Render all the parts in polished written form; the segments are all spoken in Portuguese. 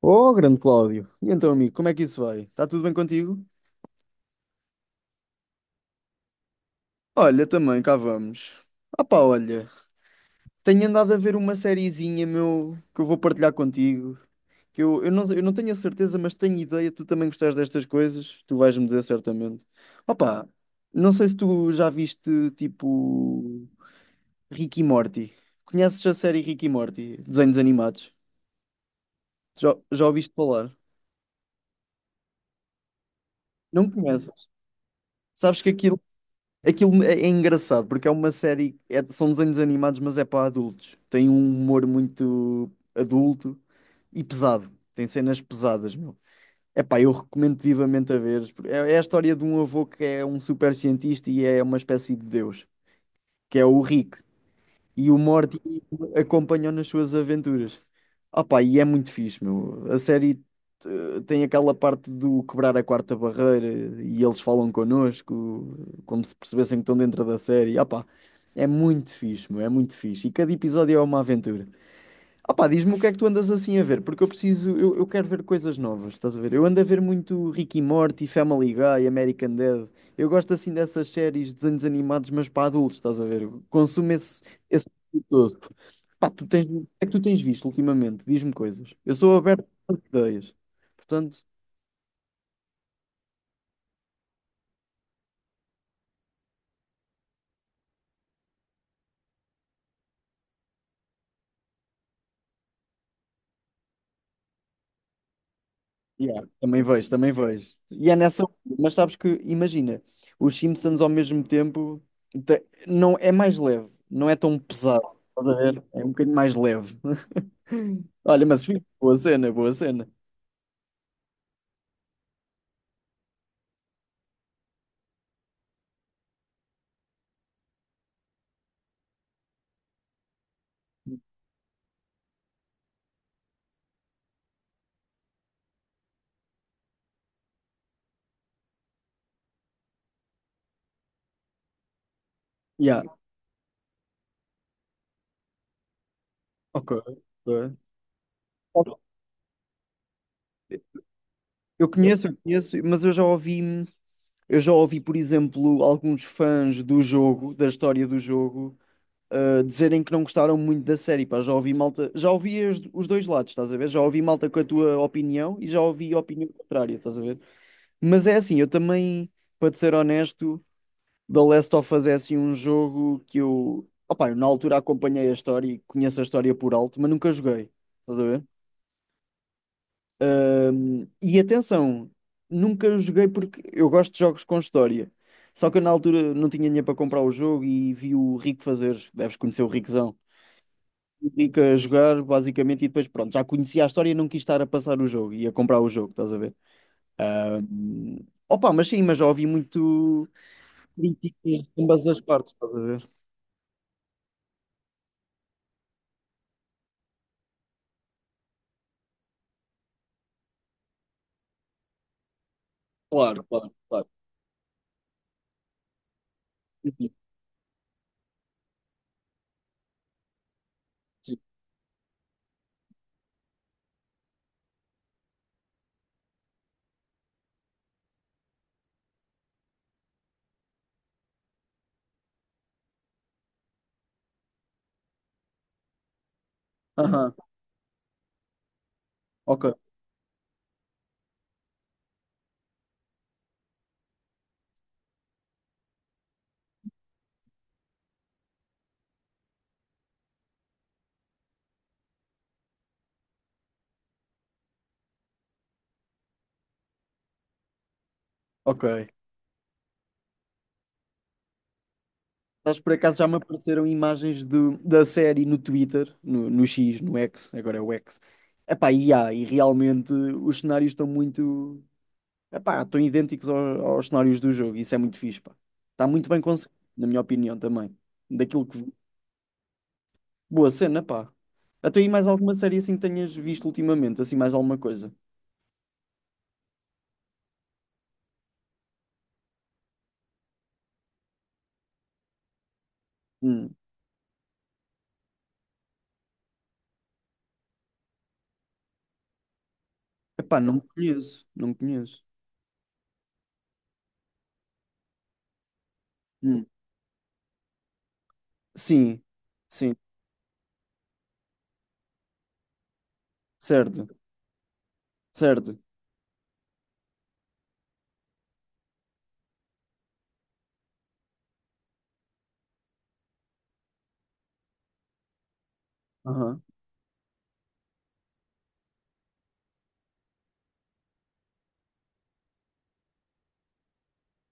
Oh, grande Cláudio. E então, amigo, como é que isso vai? Está tudo bem contigo? Olha, também cá vamos. Ah pá, olha, tenho andado a ver uma sériezinha, meu, que eu vou partilhar contigo. Que eu não tenho a certeza, mas tenho ideia, tu também gostas destas coisas, tu vais-me dizer certamente. Ah pá, não sei se tu já viste, tipo, Rick e Morty. Conheces a série Rick e Morty? Desenhos animados. Já ouviste falar? Não conheces? Sabes que aquilo. Aquilo é engraçado porque é uma série, são desenhos animados, mas é para adultos. Tem um humor muito adulto e pesado. Tem cenas pesadas, meu. Epá, eu recomendo vivamente a veres. É a história de um avô que é um super cientista e é uma espécie de Deus, que é o Rick. E o Morty acompanhou nas suas aventuras. Opa, e é muito fixe, meu. A série tem aquela parte do quebrar a quarta barreira e eles falam connosco, como se percebessem que estão dentro da série. Opa, é muito fixe, meu. É muito fixe. E cada episódio é uma aventura. Opá, diz-me o que é que tu andas assim a ver, porque eu preciso, eu quero ver coisas novas, estás a ver? Eu ando a ver muito Rick e Morty, Family Guy, American Dad. Eu gosto assim dessas séries de desenhos animados, mas para adultos, estás a ver? Eu consumo esse tipo todo. Pá, tu tens, o que é que tu tens visto ultimamente? Diz-me coisas. Eu sou aberto a ideias. Portanto, yeah, também vejo, também vejo. E é nessa. Mas sabes que, imagina, os Simpsons ao mesmo tempo não, é mais leve, não é tão pesado. Estás a ver? É um bocadinho mais leve. Olha, mas fixe, boa cena, boa cena. Yeah, ok. Ok. Eu conheço, mas eu já ouvi, por exemplo, alguns fãs do jogo, da história do jogo, dizerem que não gostaram muito da série, pá, já ouvi malta, já ouvi os dois lados, estás a ver? Já ouvi malta com a tua opinião e já ouvi a opinião contrária, estás a ver? Mas é assim, eu também, para te ser honesto, The Last of Us é assim um jogo que eu, opá, eu na altura acompanhei a história e conheço a história por alto, mas nunca joguei, estás a ver? E atenção, nunca joguei porque eu gosto de jogos com história. Só que eu na altura não tinha dinheiro para comprar o jogo e vi o Rico fazer. Deves conhecer o Riquezão. Fica a jogar, basicamente, e depois, pronto, já conhecia a história e não quis estar a passar o jogo e a comprar o jogo, estás a ver? Ah, opa, mas sim, mas já ouvi muito crítica de ambas as partes, estás a ver? Claro, claro, claro. Sim, sim. Aham, ok, ok. Mas por acaso já me apareceram imagens da série no Twitter, no X, no X, agora é o X. Epá, e realmente os cenários estão muito. Epá, estão idênticos aos cenários do jogo, isso é muito fixe, pá. Está muito bem conseguido, na minha opinião também. Daquilo que vi. Boa cena, pá. Até aí mais alguma série assim que tenhas visto ultimamente, assim mais alguma coisa? Hum. Epá, não conheço, não conheço. Hum. Sim, sim, certo, certo. Aham,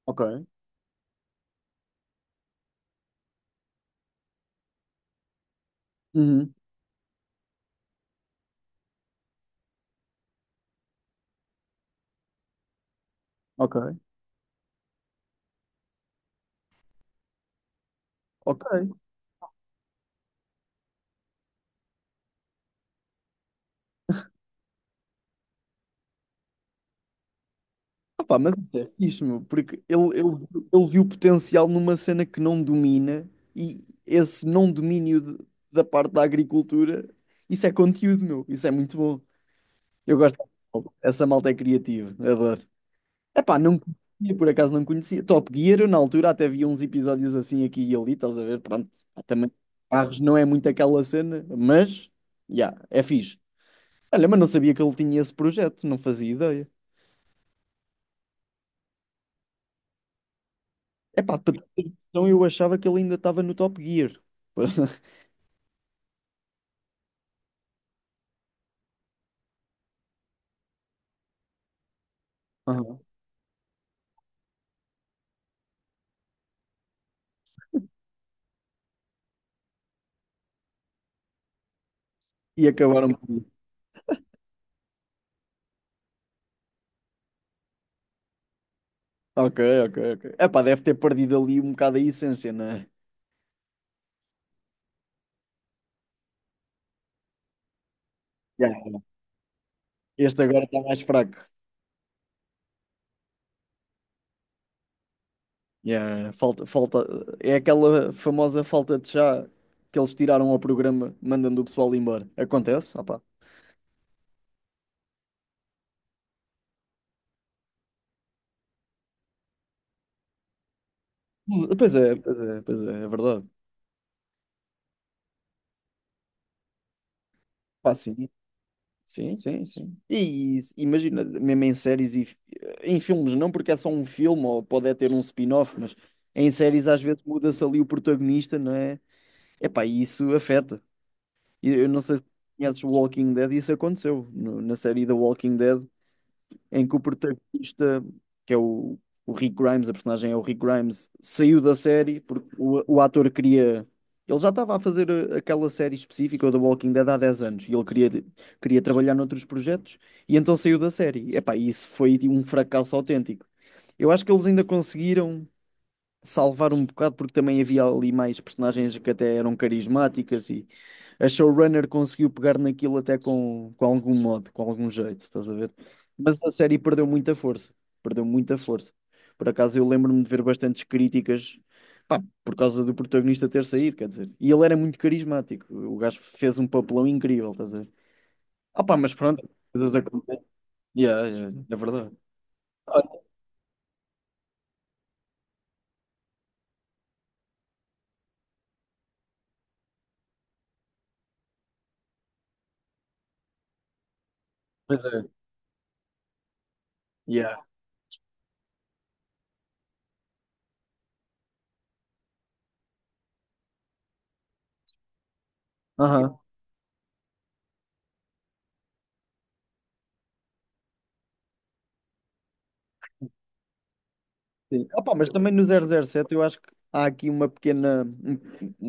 ok. Uhum. Ok, ok. Ah pá, mas isso é fixe, meu, porque ele viu potencial numa cena que não domina e esse não domínio da parte da agricultura, isso é conteúdo, meu, isso é muito bom. Eu gosto dessa malta. Essa malta é criativa, adoro. É pá, não conhecia, por acaso não conhecia. Top Gear, eu na altura até vi uns episódios assim aqui e ali, estás a ver? Pronto, pá, também carros não é muito aquela cena, mas, já, é fixe. Olha, mas não sabia que ele tinha esse projeto, não fazia ideia. Epá, para ter noção, eu achava que ele ainda estava no Top Gear. Aham. E acabaram por ir. Ok, ok, ok. Epá, deve ter perdido ali um bocado a essência, né? Yeah. Este agora está mais fraco. Yeah, falta, falta, é aquela famosa falta de chá que eles tiraram ao programa, mandando o pessoal embora. Acontece? Ah, pá. Pois é, pois é, pois é, é verdade. Pá, sim. Sim, sim, sim. E imagina, mesmo em séries e em filmes, não porque é só um filme ou pode é ter um spin-off, mas em séries às vezes muda-se ali o protagonista, não é? Epá, e isso afeta. E eu não sei se conheces o Walking Dead, isso aconteceu na série The Walking Dead em que o protagonista, que é o Rick Grimes, a personagem é o Rick Grimes, saiu da série porque o ator queria. Ele já estava a fazer aquela série específica, o The Walking Dead, há 10 anos, e ele queria, trabalhar noutros projetos, e então saiu da série. Epá, isso foi tipo, um fracasso autêntico. Eu acho que eles ainda conseguiram salvar um bocado, porque também havia ali mais personagens que até eram carismáticas e a showrunner conseguiu pegar naquilo até com algum modo, com algum jeito, estás a ver? Mas a série perdeu muita força, perdeu muita força. Por acaso eu lembro-me de ver bastantes críticas, pá, por causa do protagonista ter saído, quer dizer. E ele era muito carismático, o gajo fez um papelão incrível, estás a ver? Ah pá, mas pronto, coisas acontecem. Yeah, yeah, yeah, é verdade. Ah, pois é. Yeah. Aham. Sim. Opa, mas também no 007 eu acho que há aqui uma pequena, um,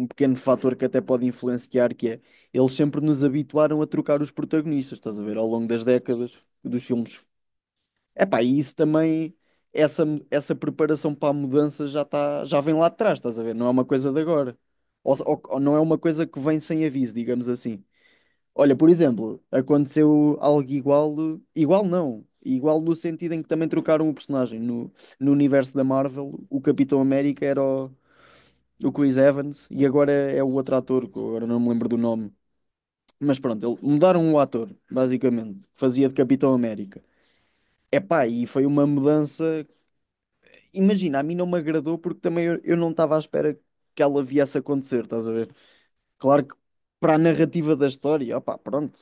um pequeno fator que até pode influenciar, que é eles sempre nos habituaram a trocar os protagonistas, estás a ver, ao longo das décadas dos filmes. Epá, e isso também, essa, essa preparação para a mudança já tá, já vem lá de trás, estás a ver, não é uma coisa de agora. Ou, ou não é uma coisa que vem sem aviso, digamos assim. Olha, por exemplo, aconteceu algo igual, igual não, igual no sentido em que também trocaram o personagem. No, no universo da Marvel, o Capitão América era o Chris Evans e agora é o outro ator, que eu agora não me lembro do nome. Mas pronto, mudaram o ator, basicamente, que fazia de Capitão América. Epá, e foi uma mudança. Imagina, a mim não me agradou porque também eu não estava à espera que ela viesse a acontecer, estás a ver? Claro que para a narrativa da história, opá, pronto,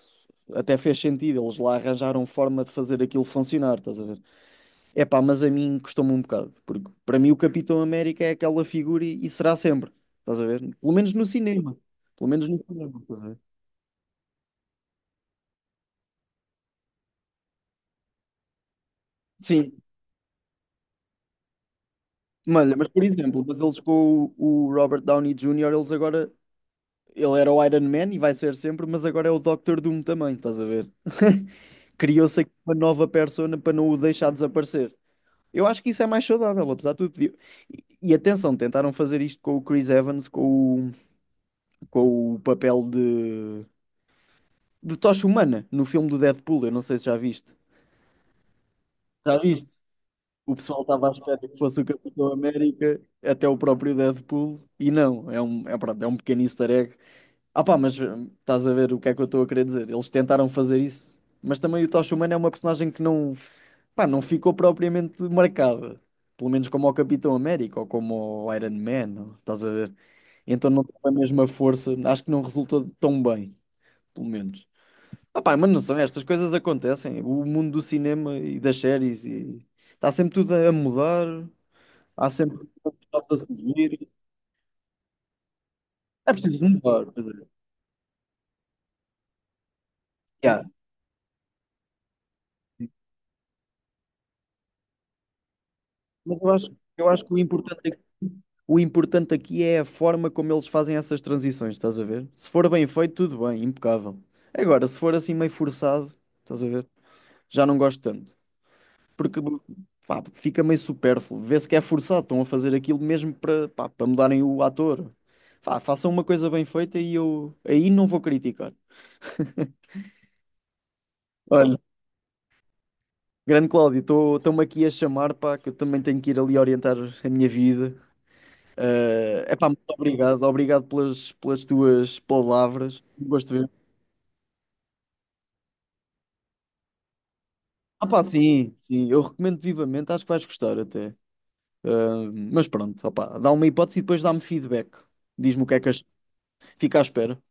até fez sentido, eles lá arranjaram forma de fazer aquilo funcionar, estás a ver? É pá mas a mim custou-me um bocado, porque para mim o Capitão América é aquela figura e será sempre, estás a ver? Pelo menos no cinema, pelo menos no cinema, estás a ver? Sim, malha, mas por exemplo, mas eles com o Robert Downey Jr., eles agora, ele era o Iron Man e vai ser sempre, mas agora é o Doctor Doom também, estás a ver? Criou-se aqui uma nova persona para não o deixar desaparecer. Eu acho que isso é mais saudável, apesar de tudo. E atenção, tentaram fazer isto com o Chris Evans, com o papel de tocha humana no filme do Deadpool. Eu não sei se já viste. Já viste? O pessoal estava à espera que fosse o Capitão América, até o próprio Deadpool, e não, pronto, é um pequeno easter egg. Ah pá, mas estás a ver o que é que eu estou a querer dizer? Eles tentaram fazer isso, mas também o Tocha Humana é uma personagem que não. Pá, não ficou propriamente marcada. Pelo menos como ao Capitão América ou como ao Iron Man, estás a ver? Então não teve a mesma força, acho que não resultou tão bem, pelo menos. Ah, pá, mas não são, estas coisas acontecem. O mundo do cinema e das séries e está sempre tudo a mudar, há sempre coisas a surgir. É preciso renovar, quer dizer. Yeah. Mas eu acho que O importante aqui é a forma como eles fazem essas transições, estás a ver? Se for bem feito, tudo bem, impecável. Agora, se for assim meio forçado, estás a ver? Já não gosto tanto. Porque pá, fica meio supérfluo. Vê-se que é forçado, estão a fazer aquilo mesmo para pá, para mudarem o ator. Pá, façam uma coisa bem feita e eu aí não vou criticar. Olha, grande Cláudio, estou-me aqui a chamar, pá, que eu também tenho que ir ali orientar a minha vida. É epá, muito obrigado, obrigado pelas tuas palavras. Gosto de ver. Ah, pá, sim, sim, eu recomendo vivamente, acho que vais gostar até. Ah, mas pronto, opá, dá uma hipótese e depois dá-me feedback. Diz-me o que é que achas. Fica à espera.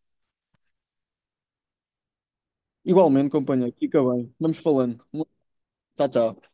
Igualmente, companheiro, fica bem. Vamos falando. Tchau, tchau.